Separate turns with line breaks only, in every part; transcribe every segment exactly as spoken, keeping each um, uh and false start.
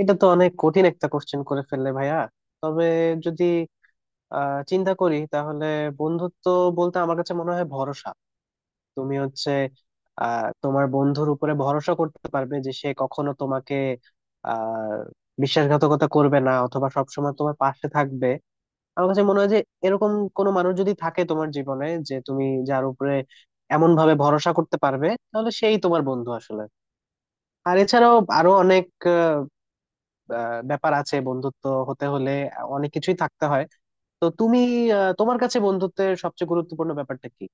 এটা তো অনেক কঠিন একটা কোশ্চেন করে ফেললে ভাইয়া। তবে যদি আহ, চিন্তা করি তাহলে বন্ধুত্ব বলতে আমার কাছে মনে হয় ভরসা। তুমি হচ্ছে আহ, তোমার বন্ধুর উপরে ভরসা করতে পারবে যে সে কখনো তোমাকে আহ বিশ্বাসঘাতকতা করবে না, অথবা সবসময় তোমার পাশে থাকবে। আমার কাছে মনে হয় যে এরকম কোনো মানুষ যদি থাকে তোমার জীবনে, যে তুমি যার উপরে এমন ভাবে ভরসা করতে পারবে, তাহলে সেই তোমার বন্ধু আসলে। আর এছাড়াও আরো অনেক ব্যাপার আছে, বন্ধুত্ব হতে হলে অনেক কিছুই থাকতে হয়। তো তুমি, আহ, তোমার কাছে বন্ধুত্বের সবচেয়ে গুরুত্বপূর্ণ ব্যাপারটা কি?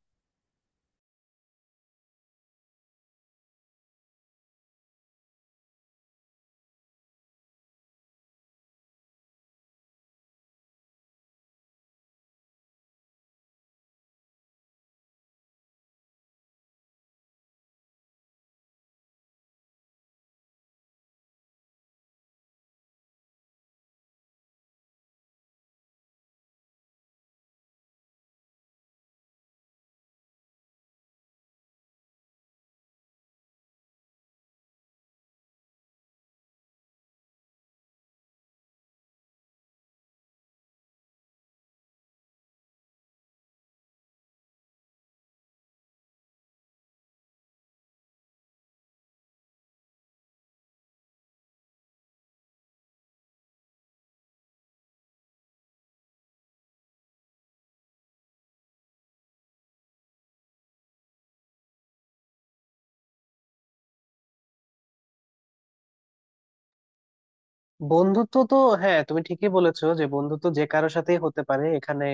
বন্ধুত্ব তো, হ্যাঁ তুমি ঠিকই বলেছো যে বন্ধুত্ব যে কারোর সাথেই হতে পারে, এখানে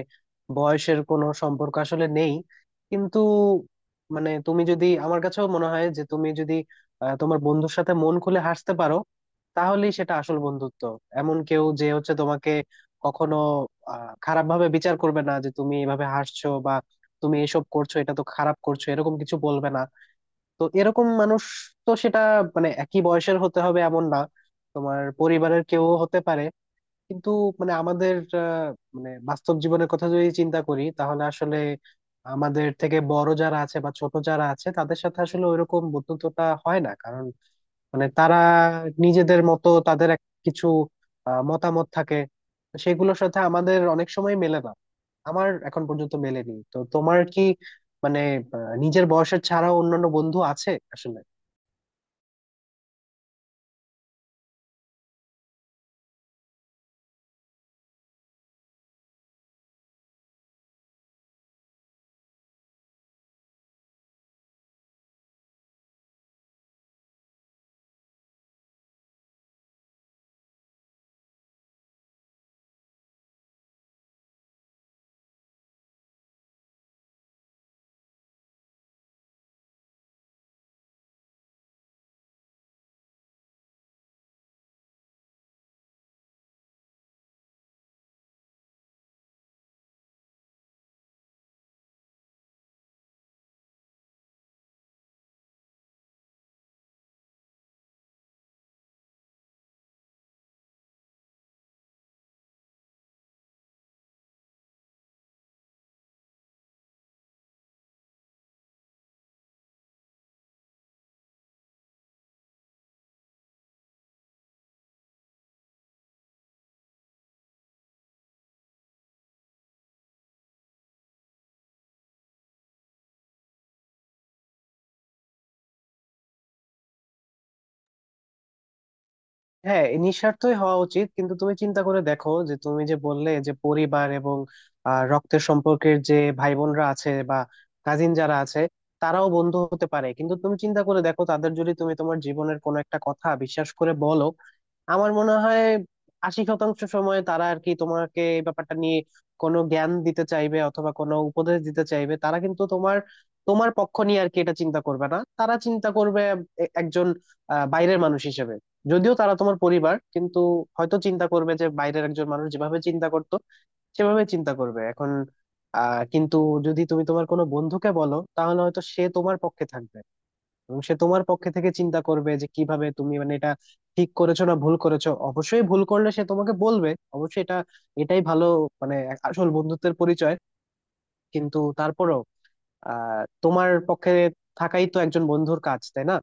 বয়সের কোনো সম্পর্ক আসলে নেই। কিন্তু মানে তুমি যদি, আমার কাছেও মনে হয় যে তুমি যদি আহ, তোমার বন্ধুর সাথে মন খুলে হাসতে পারো, তাহলেই সেটা আসল বন্ধুত্ব। এমন কেউ যে হচ্ছে তোমাকে কখনো আহ খারাপ ভাবে বিচার করবে না, যে তুমি এভাবে হাসছো বা তুমি এসব করছো, এটা তো খারাপ করছো, এরকম কিছু বলবে না। তো এরকম মানুষ, তো সেটা মানে একই বয়সের হতে হবে এমন না, তোমার পরিবারের কেউ হতে পারে। কিন্তু মানে আমাদের, আহ, মানে বাস্তব জীবনের কথা যদি চিন্তা করি তাহলে আসলে আমাদের থেকে বড় যারা আছে বা ছোট যারা আছে তাদের সাথে আসলে ওইরকম বন্ধুত্বটা হয় না, কারণ মানে তারা নিজেদের মতো তাদের এক কিছু আহ, মতামত থাকে, সেগুলোর সাথে আমাদের অনেক সময় মেলে না। আমার এখন পর্যন্ত মেলেনি, তো তোমার কি মানে আহ, নিজের বয়সের ছাড়াও অন্যান্য বন্ধু আছে আসলে? হ্যাঁ এই নিঃস্বার্থই হওয়া উচিত, কিন্তু তুমি চিন্তা করে দেখো যে তুমি যে বললে যে পরিবার এবং আহ, রক্তের সম্পর্কের যে ভাই বোনরা আছে বা কাজিন যারা আছে, তারাও বন্ধু হতে পারে। কিন্তু তুমি চিন্তা করে দেখো, তাদের যদি তুমি তোমার জীবনের কোনো একটা কথা বিশ্বাস করে বলো, আমার মনে হয় আশি শতাংশ সময় তারা আর কি তোমাকে এই ব্যাপারটা নিয়ে কোনো জ্ঞান দিতে চাইবে অথবা কোনো উপদেশ দিতে চাইবে। তারা কিন্তু তোমার, তোমার পক্ষ নিয়ে আর কি এটা চিন্তা করবে না, তারা চিন্তা করবে এ- একজন আহ, বাইরের মানুষ হিসেবে। যদিও তারা তোমার পরিবার, কিন্তু হয়তো চিন্তা করবে যে বাইরের একজন মানুষ যেভাবে চিন্তা করতো সেভাবে চিন্তা করবে এখন। আহ কিন্তু যদি তুমি তোমার কোনো বন্ধুকে বলো, তাহলে হয়তো সে তোমার পক্ষে থাকবে, এবং সে তোমার পক্ষে থেকে চিন্তা করবে যে কিভাবে তুমি মানে এটা ঠিক করেছো না ভুল করেছো। অবশ্যই ভুল করলে সে তোমাকে বলবে, অবশ্যই এটা, এটাই ভালো, মানে আসল বন্ধুত্বের পরিচয়। কিন্তু তারপরেও আহ তোমার পক্ষে থাকাই তো একজন বন্ধুর কাজ, তাই না?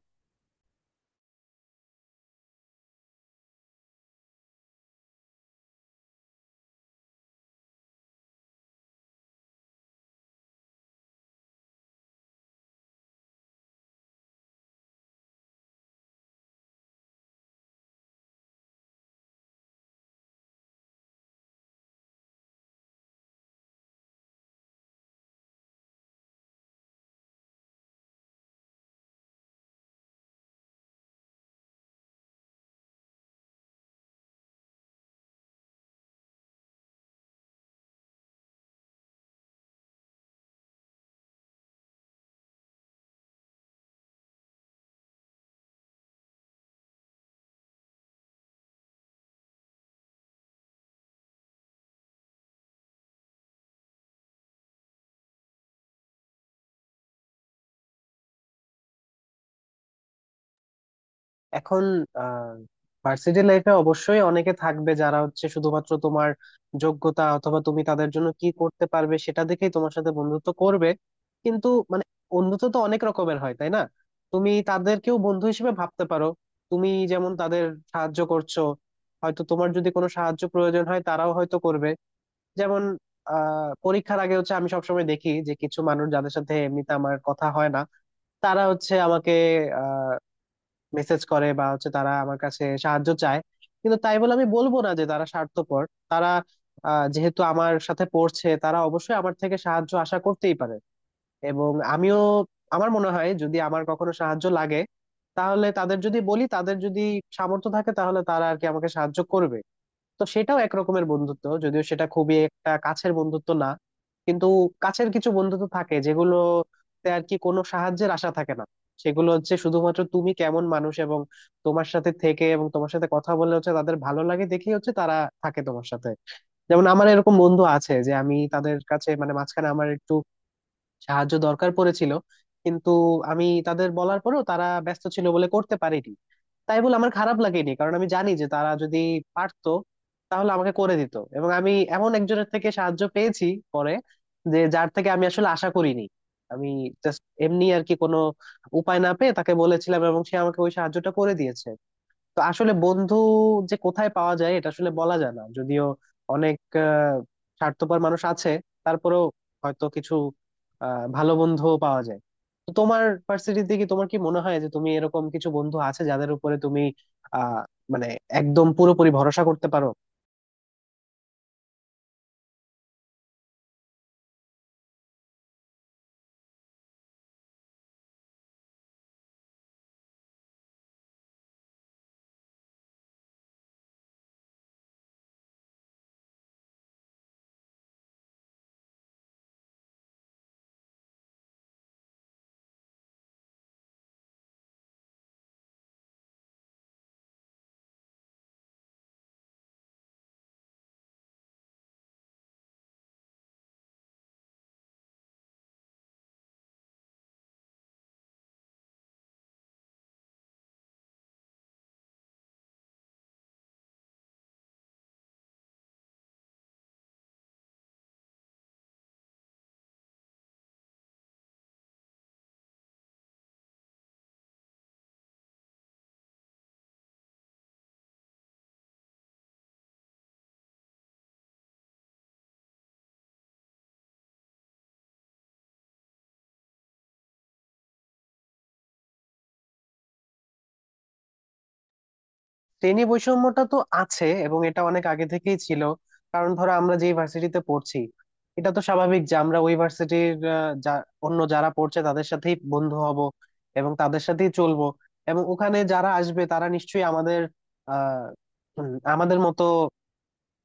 এখন আহ ভার্সিটি লাইফে অবশ্যই অনেকে থাকবে যারা হচ্ছে শুধুমাত্র তোমার যোগ্যতা অথবা তুমি তাদের জন্য কি করতে পারবে সেটা দেখেই তোমার সাথে বন্ধুত্ব করবে। কিন্তু মানে বন্ধুত্ব তো অনেক রকমের হয়, তাই না? তুমি তাদেরকেও বন্ধু হিসেবে ভাবতে পারো। তুমি যেমন তাদের সাহায্য করছো, হয়তো তোমার যদি কোনো সাহায্য প্রয়োজন হয় তারাও হয়তো করবে। যেমন আহ পরীক্ষার আগে হচ্ছে আমি সবসময় দেখি যে কিছু মানুষ যাদের সাথে এমনিতে আমার কথা হয় না, তারা হচ্ছে আমাকে মেসেজ করে বা হচ্ছে তারা আমার কাছে সাহায্য চায়। কিন্তু তাই বলে আমি বলবো না যে তারা স্বার্থপর। তারা আহ, যেহেতু আমার সাথে পড়ছে তারা অবশ্যই আমার থেকে সাহায্য আশা করতেই পারে। এবং আমিও, আমার মনে হয় যদি আমার কখনো সাহায্য লাগে, তাহলে তাদের যদি বলি, তাদের যদি সামর্থ্য থাকে তাহলে তারা আর কি আমাকে সাহায্য করবে। তো সেটাও একরকমের বন্ধুত্ব, যদিও সেটা খুবই একটা কাছের বন্ধুত্ব না। কিন্তু কাছের কিছু বন্ধুত্ব থাকে যেগুলোতে আর কি কোনো সাহায্যের আশা থাকে না। সেগুলো হচ্ছে শুধুমাত্র তুমি কেমন মানুষ, এবং তোমার সাথে থেকে এবং তোমার সাথে কথা বলে হচ্ছে তাদের ভালো লাগে, দেখেই হচ্ছে তারা থাকে তোমার সাথে। যেমন আমার এরকম বন্ধু আছে যে আমি তাদের কাছে মানে মাঝখানে আমার একটু সাহায্য দরকার পড়েছিল, কিন্তু আমি তাদের বলার পরেও তারা ব্যস্ত ছিল বলে করতে পারেনি। তাই বলে আমার খারাপ লাগেনি, কারণ আমি জানি যে তারা যদি পারতো তাহলে আমাকে করে দিত। এবং আমি এমন একজনের থেকে সাহায্য পেয়েছি পরে, যে যার থেকে আমি আসলে আশা করিনি। আমি জাস্ট এমনি আর কি কোনো উপায় না পেয়ে তাকে বলেছিলাম, এবং সে আমাকে ওই সাহায্যটা করে দিয়েছে। তো আসলে বন্ধু যে কোথায় পাওয়া যায় এটা আসলে বলা যায় না। যদিও অনেক আহ, স্বার্থপর মানুষ আছে, তারপরেও হয়তো কিছু আহ, ভালো বন্ধুও পাওয়া যায়। তো তোমার ভার্সিটিতে কি, তোমার কি মনে হয় যে তুমি, এরকম কিছু বন্ধু আছে যাদের উপরে তুমি আহ মানে একদম পুরোপুরি ভরসা করতে পারো? শ্রেণী বৈষম্যটা তো আছে, এবং এটা অনেক আগে থেকেই ছিল। কারণ ধরো আমরা যে ভার্সিটিতে পড়ছি, এটা তো স্বাভাবিক যে আমরা ওই ভার্সিটির অন্য যারা পড়ছে তাদের সাথেই বন্ধু হব এবং তাদের সাথেই চলবো। এবং ওখানে যারা আসবে তারা নিশ্চয়ই আমাদের আহ উম, আমাদের মতো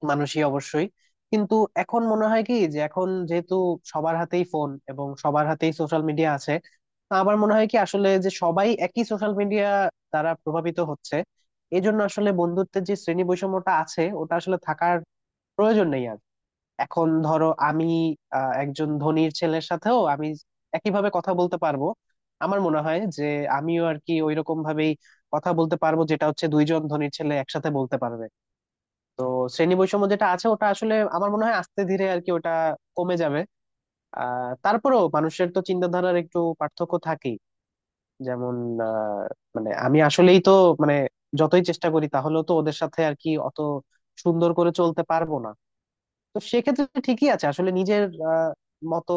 মানুষই অবশ্যই। কিন্তু এখন মনে হয় কি, যে এখন যেহেতু সবার হাতেই ফোন এবং সবার হাতেই সোশ্যাল মিডিয়া আছে, আমার মনে হয় কি আসলে যে সবাই একই সোশ্যাল মিডিয়া দ্বারা প্রভাবিত হচ্ছে। এই জন্য আসলে বন্ধুত্বের যে শ্রেণী বৈষম্যটা আছে ওটা আসলে থাকার প্রয়োজন নেই আর। এখন ধরো আমি আহ, একজন ধনীর ছেলের সাথেও আমি একইভাবে কথা বলতে পারবো। আমার মনে হয় যে আমিও আর কি ওইরকম ভাবেই কথা বলতে পারবো, যেটা হচ্ছে দুইজন ধনীর ছেলে একসাথে বলতে পারবে। তো শ্রেণী বৈষম্য যেটা আছে ওটা আসলে আমার মনে হয় আস্তে ধীরে আর কি ওটা কমে যাবে। আহ তারপরেও মানুষের তো চিন্তাধারার একটু পার্থক্য থাকেই। যেমন আহ, মানে আমি আসলেই তো মানে যতই চেষ্টা করি তাহলেও তো ওদের সাথে আর কি অত সুন্দর করে চলতে পারবো না। তো সেক্ষেত্রে ঠিকই আছে, আসলে নিজের আহ মতো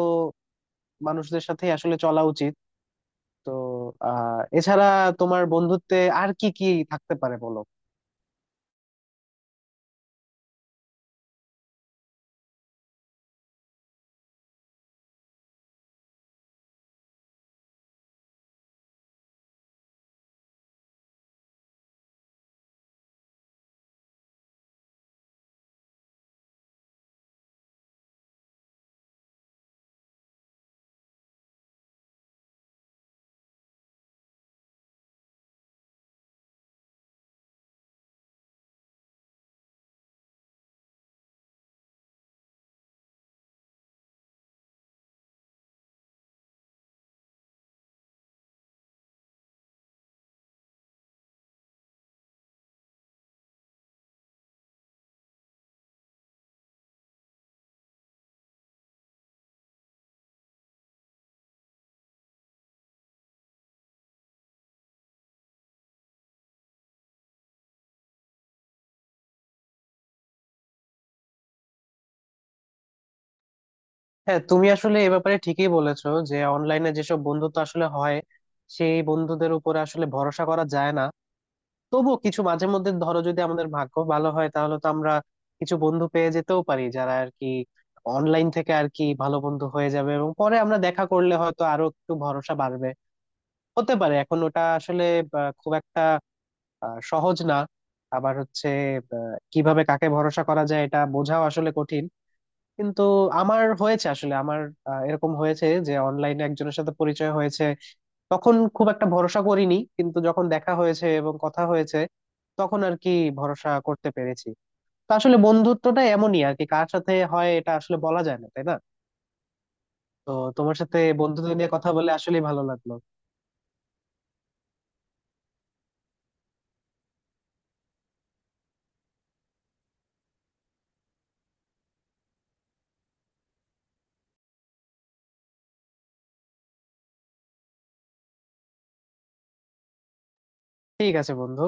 মানুষদের সাথে আসলে চলা উচিত। তো আহ এছাড়া তোমার বন্ধুত্বে আর কি কি থাকতে পারে বলো? হ্যাঁ তুমি আসলে এ ব্যাপারে ঠিকই বলেছো যে অনলাইনে যেসব বন্ধুত্ব আসলে হয়, সেই বন্ধুদের উপরে আসলে ভরসা করা যায় না। তবুও কিছু মাঝে মধ্যে ধরো যদি আমাদের ভাগ্য ভালো হয়, তাহলে তো আমরা কিছু বন্ধু পেয়ে যেতেও পারি যারা আর কি অনলাইন থেকে আর কি ভালো বন্ধু হয়ে যাবে, এবং পরে আমরা দেখা করলে হয়তো আরো একটু ভরসা বাড়বে। হতে পারে, এখন ওটা আসলে আহ, খুব একটা আহ, সহজ না। আবার হচ্ছে আহ, কিভাবে কাকে ভরসা করা যায় এটা বোঝাও আসলে কঠিন। কিন্তু আমার হয়েছে আসলে আমার আহ, এরকম হয়েছে যে অনলাইনে একজনের সাথে পরিচয় হয়েছে, তখন খুব একটা ভরসা করিনি, কিন্তু যখন দেখা হয়েছে এবং কথা হয়েছে, তখন আর কি ভরসা করতে পেরেছি। তো আসলে বন্ধুত্বটা এমনই আর কি, কার সাথে হয় এটা আসলে বলা যায় না, তাই না? তো তোমার সাথে বন্ধুত্ব নিয়ে কথা বলে আসলেই ভালো লাগলো। ঠিক আছে বন্ধু।